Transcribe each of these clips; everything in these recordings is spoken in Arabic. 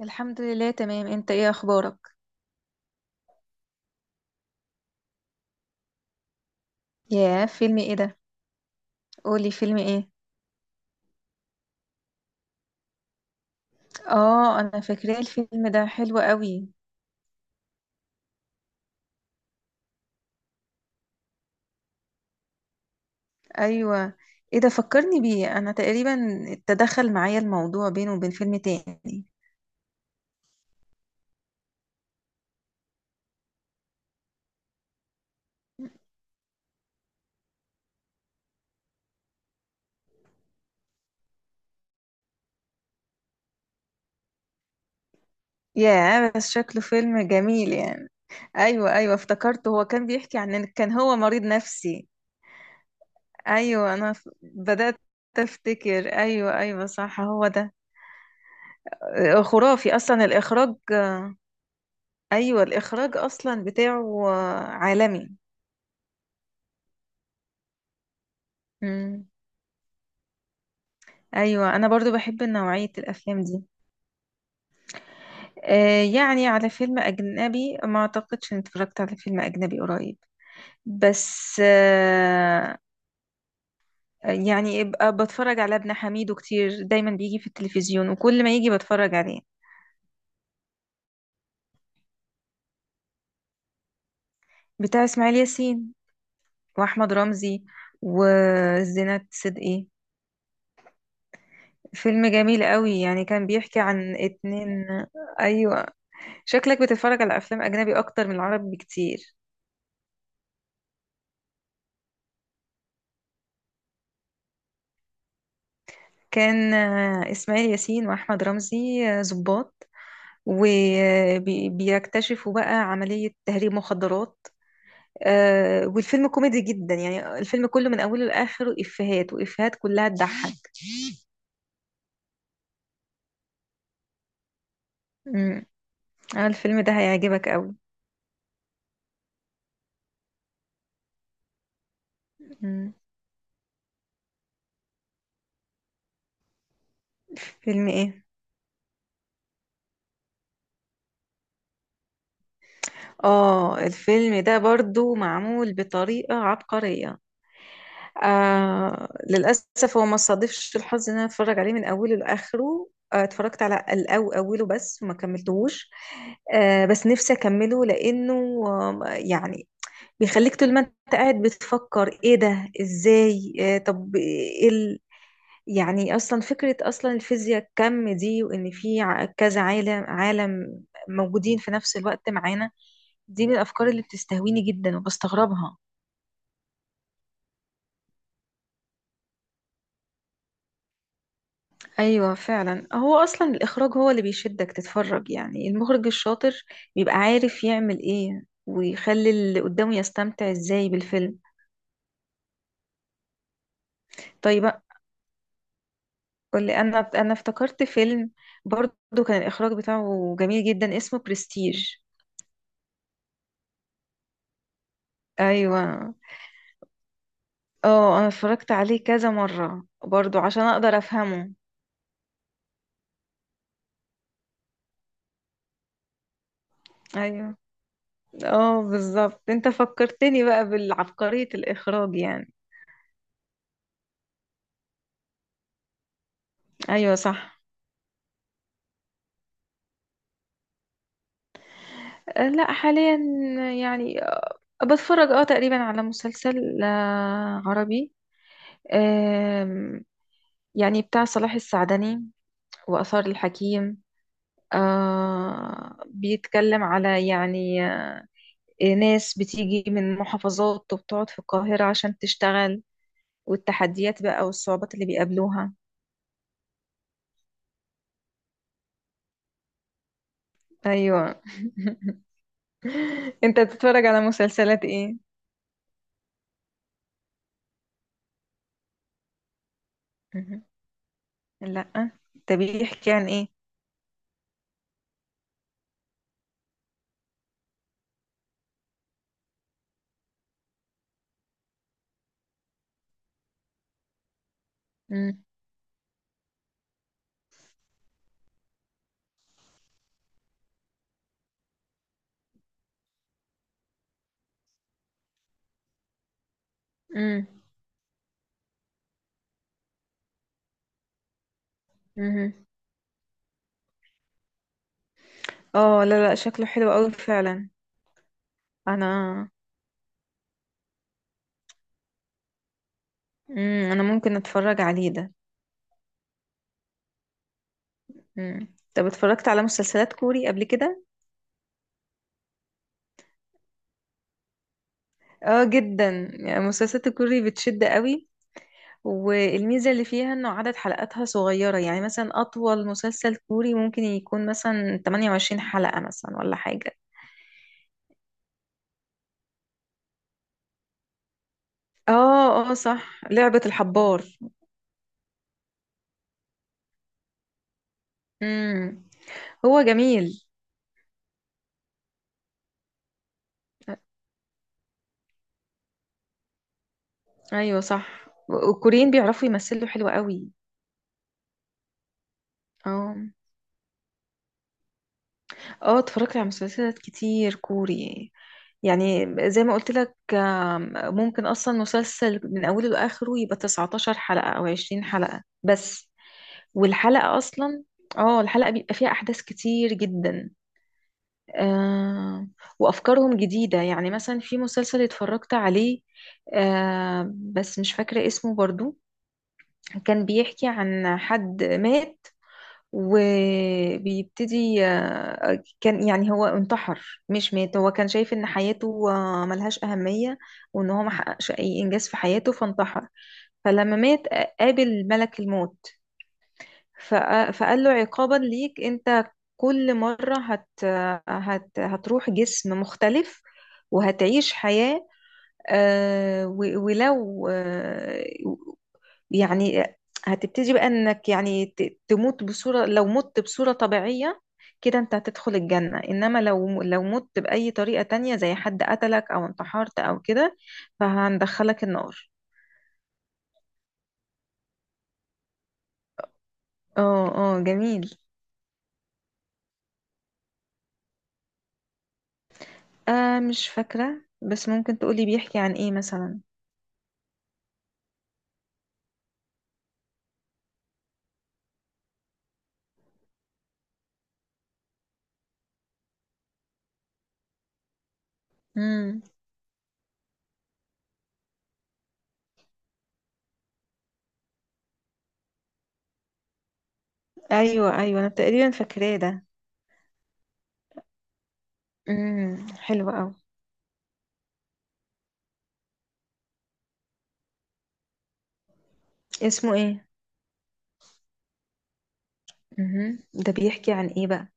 الحمد لله تمام، انت ايه اخبارك؟ ياه، فيلم ايه ده؟ قولي فيلم ايه. اه انا فاكراه، الفيلم ده حلو قوي. ايوه، ايه ده فكرني بيه انا تقريبا. تدخل معايا الموضوع بينه وبين فيلم تاني. ياه بس شكله فيلم جميل يعني. ايوه افتكرته هو كان بيحكي عن ان كان هو مريض نفسي. ايوه انا بدأت افتكر. ايوه صح هو ده. خرافي اصلا الاخراج. ايوه الاخراج اصلا بتاعه عالمي. مم. ايوه انا برضو بحب نوعيه الافلام دي. يعني على فيلم اجنبي، ما اعتقدش اني اتفرجت على فيلم اجنبي قريب. بس يعني ابقى بتفرج على ابن حميدو كتير، دايما بيجي في التلفزيون وكل ما يجي بتفرج عليه. بتاع اسماعيل ياسين واحمد رمزي وزينات صدقي. فيلم جميل قوي يعني، كان بيحكي عن اتنين. ايوه، شكلك بتتفرج على افلام اجنبي اكتر من العربي بكتير. كان إسماعيل ياسين وأحمد رمزي ضباط، وبيكتشفوا بقى عملية تهريب مخدرات. والفيلم كوميدي جدا، يعني الفيلم كله من أوله لآخره إفيهات وإفيهات كلها تضحك. مم. الفيلم ده هيعجبك قوي. مم. فيلم إيه؟ آه الفيلم ده برضو معمول بطريقة عبقرية. آه للأسف هو ما صادفش الحظ إن أنا أتفرج عليه من أوله لآخره، آه اتفرجت على أوله بس وما كملتهوش. آه بس نفسي أكمله لأنه يعني بيخليك طول ما أنت قاعد بتفكر إيه ده إزاي. آه طب إيه يعني أصلا فكرة، أصلا الفيزياء الكم دي، وإن في كذا عالم موجودين في نفس الوقت معانا، دي من الأفكار اللي بتستهويني جدا وبستغربها. ايوه فعلا، هو اصلا الاخراج هو اللي بيشدك تتفرج، يعني المخرج الشاطر بيبقى عارف يعمل ايه ويخلي اللي قدامه يستمتع ازاي بالفيلم. طيب بقى، قولي، انا افتكرت فيلم برضو كان الاخراج بتاعه جميل جدا، اسمه برستيج. ايوه. اه انا اتفرجت عليه كذا مرة برضو عشان اقدر افهمه. ايوه. اه بالظبط، انت فكرتني بقى بالعبقرية الاخراج يعني. ايوه صح. لا حاليا يعني بتفرج اه تقريبا على مسلسل عربي. آم، يعني بتاع صلاح السعدني وآثار الحكيم. بيتكلم على يعني ناس بتيجي من محافظات وبتقعد في القاهرة عشان تشتغل، والتحديات بقى والصعوبات اللي بيقابلوها. ايوه. انت بتتفرج على مسلسلات ايه؟ مهم. لا. طب بيحكي عن ايه؟ مم. مم. مهم. اه لا لا، شكله حلو قوي فعلا. انا، امم، انا ممكن اتفرج عليه ده. امم، طب اتفرجت على مسلسلات كوري قبل كده؟ اه جدا، يعني مسلسلات الكوري بتشد قوي، والميزة اللي فيها انه عدد حلقاتها صغيرة، يعني مثلا اطول مسلسل كوري ممكن يكون مثلا 28 حلقة مثلا ولا حاجة. اه اه صح، لعبة الحبار. امم. هو جميل. ايوه صح، والكوريين بيعرفوا يمثلوا حلو قوي. اه. اه اتفرجت على مسلسلات كتير كوري، يعني زي ما قلت لك، ممكن اصلا مسلسل من اوله لاخره يبقى 19 حلقة او 20 حلقة بس. والحلقة اصلا، اه الحلقة بيبقى فيها احداث كتير جدا. آه، وافكارهم جديدة. يعني مثلا في مسلسل اتفرجت عليه، آه بس مش فاكرة اسمه برضو، كان بيحكي عن حد مات وبيبتدي. كان يعني هو انتحر مش مات، هو كان شايف ان حياته ملهاش أهمية، وان هو محققش اي انجاز في حياته فانتحر. فلما مات قابل ملك الموت، فقال له عقابا ليك انت، كل مرة هت هت هتروح جسم مختلف وهتعيش حياة. ولو، يعني هتبتدي بقى انك يعني تموت بصورة، لو مت بصورة طبيعية كده انت هتدخل الجنة، انما لو مت بأي طريقة تانية زي حد قتلك او انتحرت او كده فهندخلك النار. اه اه جميل. آه مش فاكرة، بس ممكن تقولي بيحكي عن ايه مثلا. امم، ايوه انا تقريبا فاكراه ده. امم، حلو قوي. اسمه ايه؟ امم، ده بيحكي عن ايه بقى؟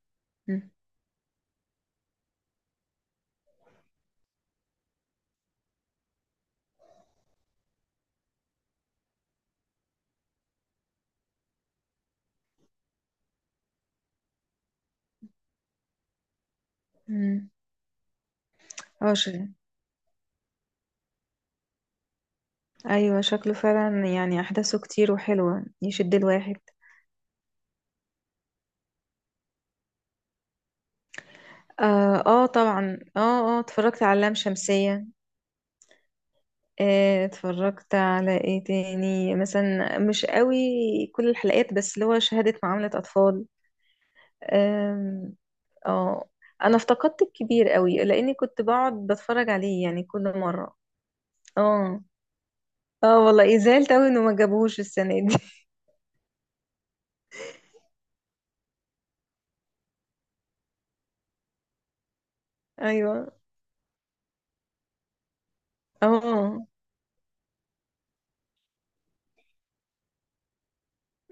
مم. اه شيء. ايوه شكله فعلا يعني احداثه كتير وحلوه، يشد الواحد. اه، آه طبعا، اه اه اتفرجت على لام شمسيه. آه اتفرجت على ايه تاني مثلا، مش قوي كل الحلقات بس، اللي هو شهاده معامله اطفال. آم، اه. انا افتقدت الكبير قوي لاني كنت بقعد بتفرج عليه يعني كل مره. اه. اه والله زعلت قوي انه ما جابوهوش السنه دي. ايوه. اه.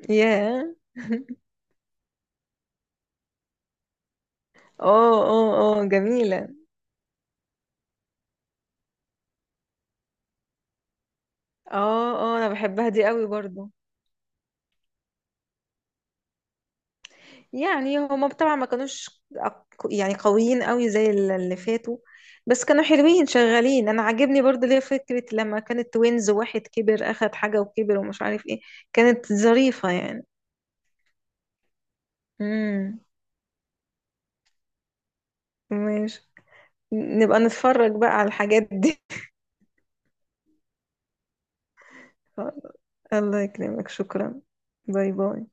ياه. اه اه اه جميلة. اه اه انا بحبها دي قوي برضو. يعني هما طبعا ما كانوش أق- يعني قويين قوي زي اللي فاتوا، بس كانوا حلوين شغالين. انا عاجبني برضو ليه فكرة لما كانت توينز واحد كبر اخد حاجة وكبر ومش عارف ايه، كانت ظريفة يعني. امم. ماشي، نبقى نتفرج بقى على الحاجات دي. الله يكرمك، شكرا. باي باي.